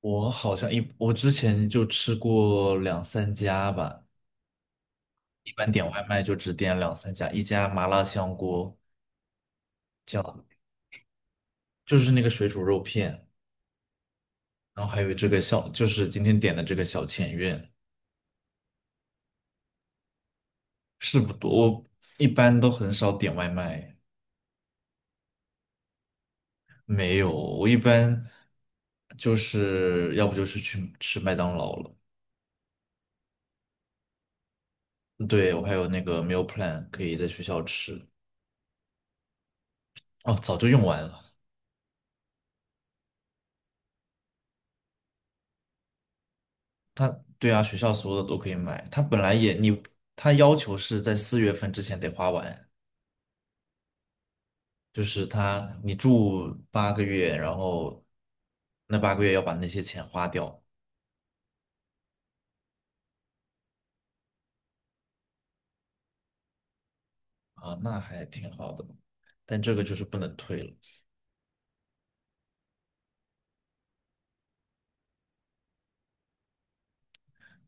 我好像一，我之前就吃过两三家吧。一般点外卖就只点两三家，一家麻辣香锅。叫。就是那个水煮肉片。然后还有这个小，就是今天点的这个小前院。是不多，我一般都很少点外卖。没有，我一般就是要不就是去吃麦当劳了。对，我还有那个 meal plan 可以在学校吃。哦，早就用完了。对啊，学校所有的都可以买。他本来也你，他要求是在4月份之前得花完。就是你住八个月，然后那八个月要把那些钱花掉。啊，那还挺好的。但这个就是不能退了。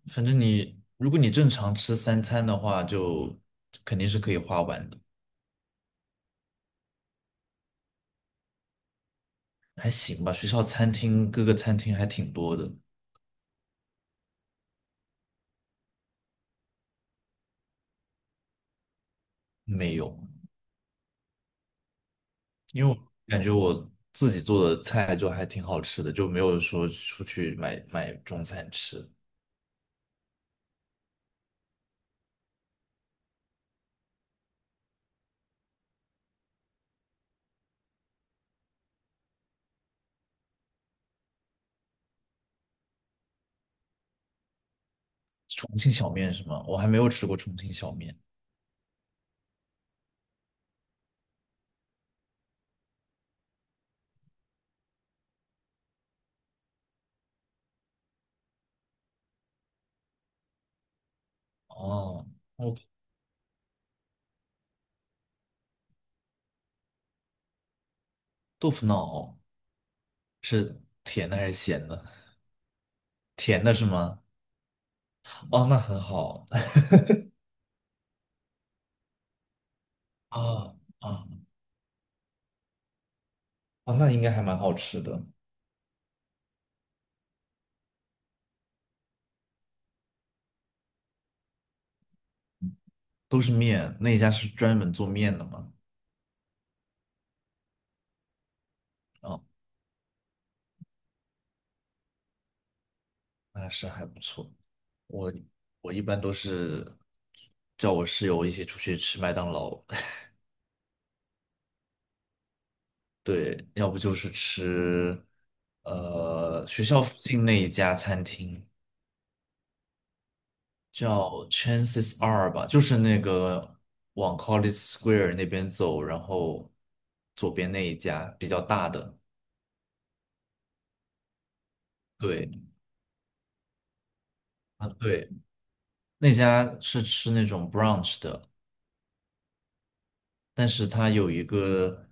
反正如果你正常吃三餐的话，就肯定是可以花完的。还行吧。学校餐厅各个餐厅还挺多的。没有。因为我感觉我自己做的菜就还挺好吃的，就没有说出去买中餐吃。重庆小面是吗？我还没有吃过重庆小面。哦。哦，豆腐脑是甜的还是咸的？甜的是吗？哦，那很好。啊啊啊！那应该还蛮好吃的。都是面，那一家是专门做面的嘛？哦。那是还不错。我我一般都是叫我室友一起出去吃麦当劳。对，要不就是吃，学校附近那一家餐厅叫 Chances Are 吧，就是那个往 College Square 那边走，然后左边那一家比较大的。对。啊对，那家是吃那种 brunch 的，但是它有一个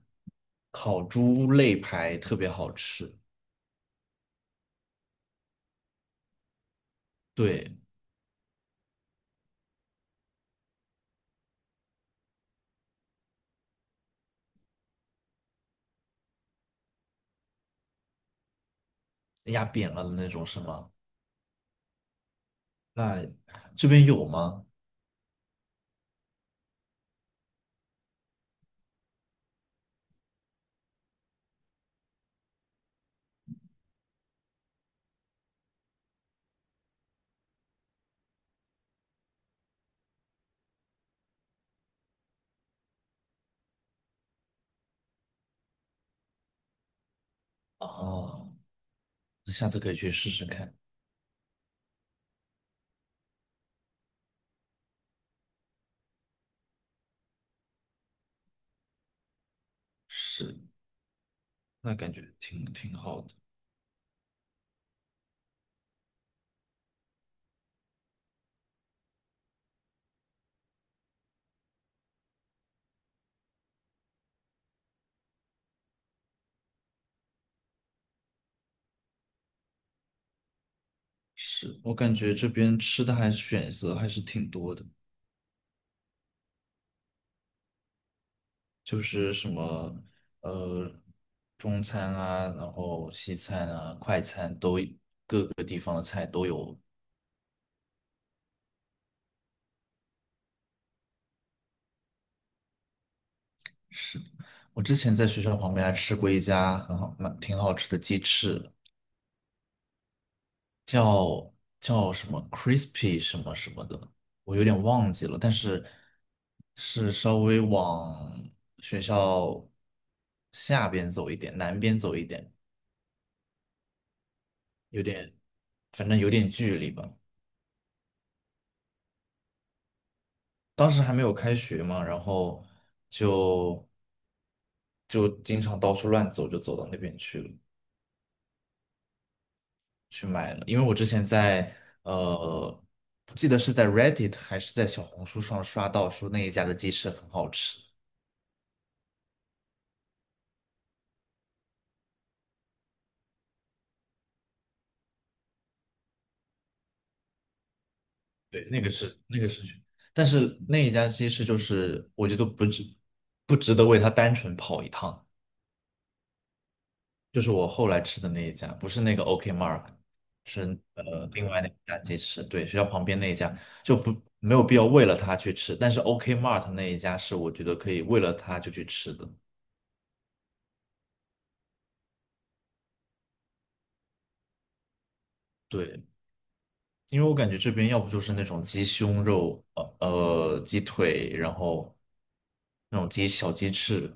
烤猪肋排特别好吃。对。压扁了的那种是吗？那这边有吗？哦，下次可以去试试看。是，那感觉挺好的。是，我感觉这边吃的还是选择还是挺多的。就是什么呃中餐啊，然后西餐啊，快餐都各个地方的菜都有。是，我之前在学校旁边还吃过一家很好蛮挺好吃的鸡翅。叫叫什么 crispy 什么什么的，我有点忘记了，但是是稍微往学校下边走一点，南边走一点，有点，反正有点距离吧。当时还没有开学嘛，然后就就经常到处乱走，就走到那边去了，去买了。因为我之前在呃，不记得是在 Reddit 还是在小红书上刷到说那一家的鸡翅很好吃。对，那个是但是那一家鸡翅就是我觉得不值得为它单纯跑一趟。就是我后来吃的那一家，不是那个 OK Mark。是另外那家鸡翅。对，学校旁边那一家就不没有必要为了它去吃。但是 OK Mart 那一家是我觉得可以为了它就去吃的。对，因为我感觉这边要不就是那种鸡胸肉、鸡腿，然后那种小鸡翅，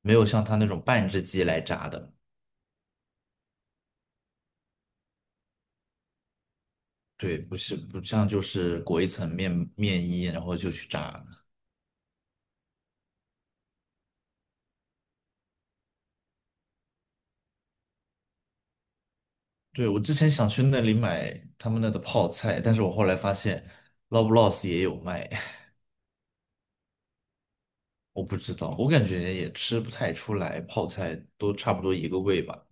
没有像它那种半只鸡来炸的。对，不像，就是裹一层面衣，然后就去炸。对，我之前想去那里买他们那的泡菜，但是我后来发现 l o b l o s s 也有卖。我不知道，我感觉也吃不太出来，泡菜都差不多一个味吧。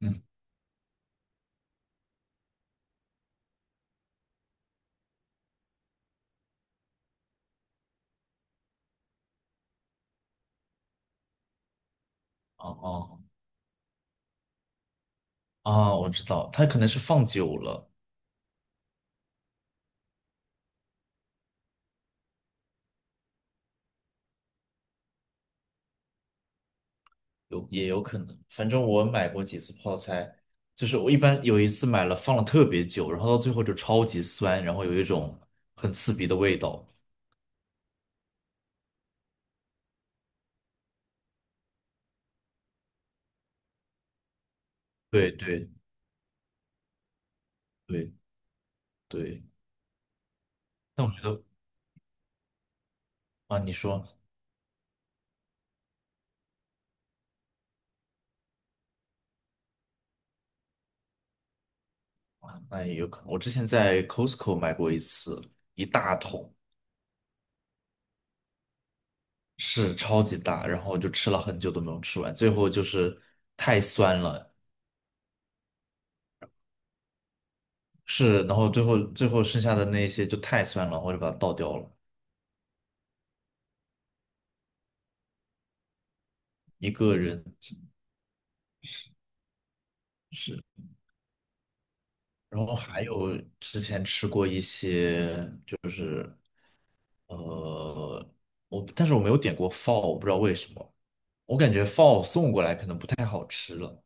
嗯。哦哦。啊，我知道，它可能是放久了。也有可能。反正我买过几次泡菜，就是我一般有一次买了放了特别久，然后到最后就超级酸，然后有一种很刺鼻的味道。对对对。对，但我觉得啊，你说那也有可能。我之前在 Costco 买过一次，一大桶。是超级大，然后我就吃了很久都没有吃完，最后就是太酸了。是，然后最后剩下的那些就太酸了，我就把它倒掉了。一个人。是。然后还有之前吃过一些，就是呃，但是我没有点过 f a l l。 我不知道为什么，我感觉 f a l l 送过来可能不太好吃了。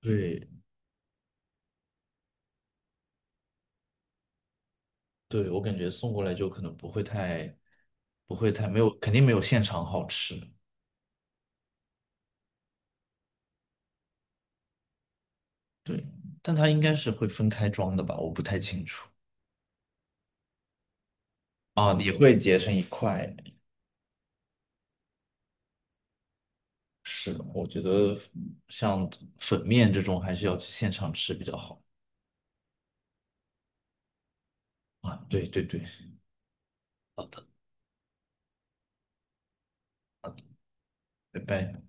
对。对，我感觉送过来就可能不会太，不会太没有，肯定没有现场好吃。对，但它应该是会分开装的吧，我不太清楚。啊，也会结成一块。是的，我觉得像粉面这种还是要去现场吃比较好。啊，对对对。好的。好的，拜拜。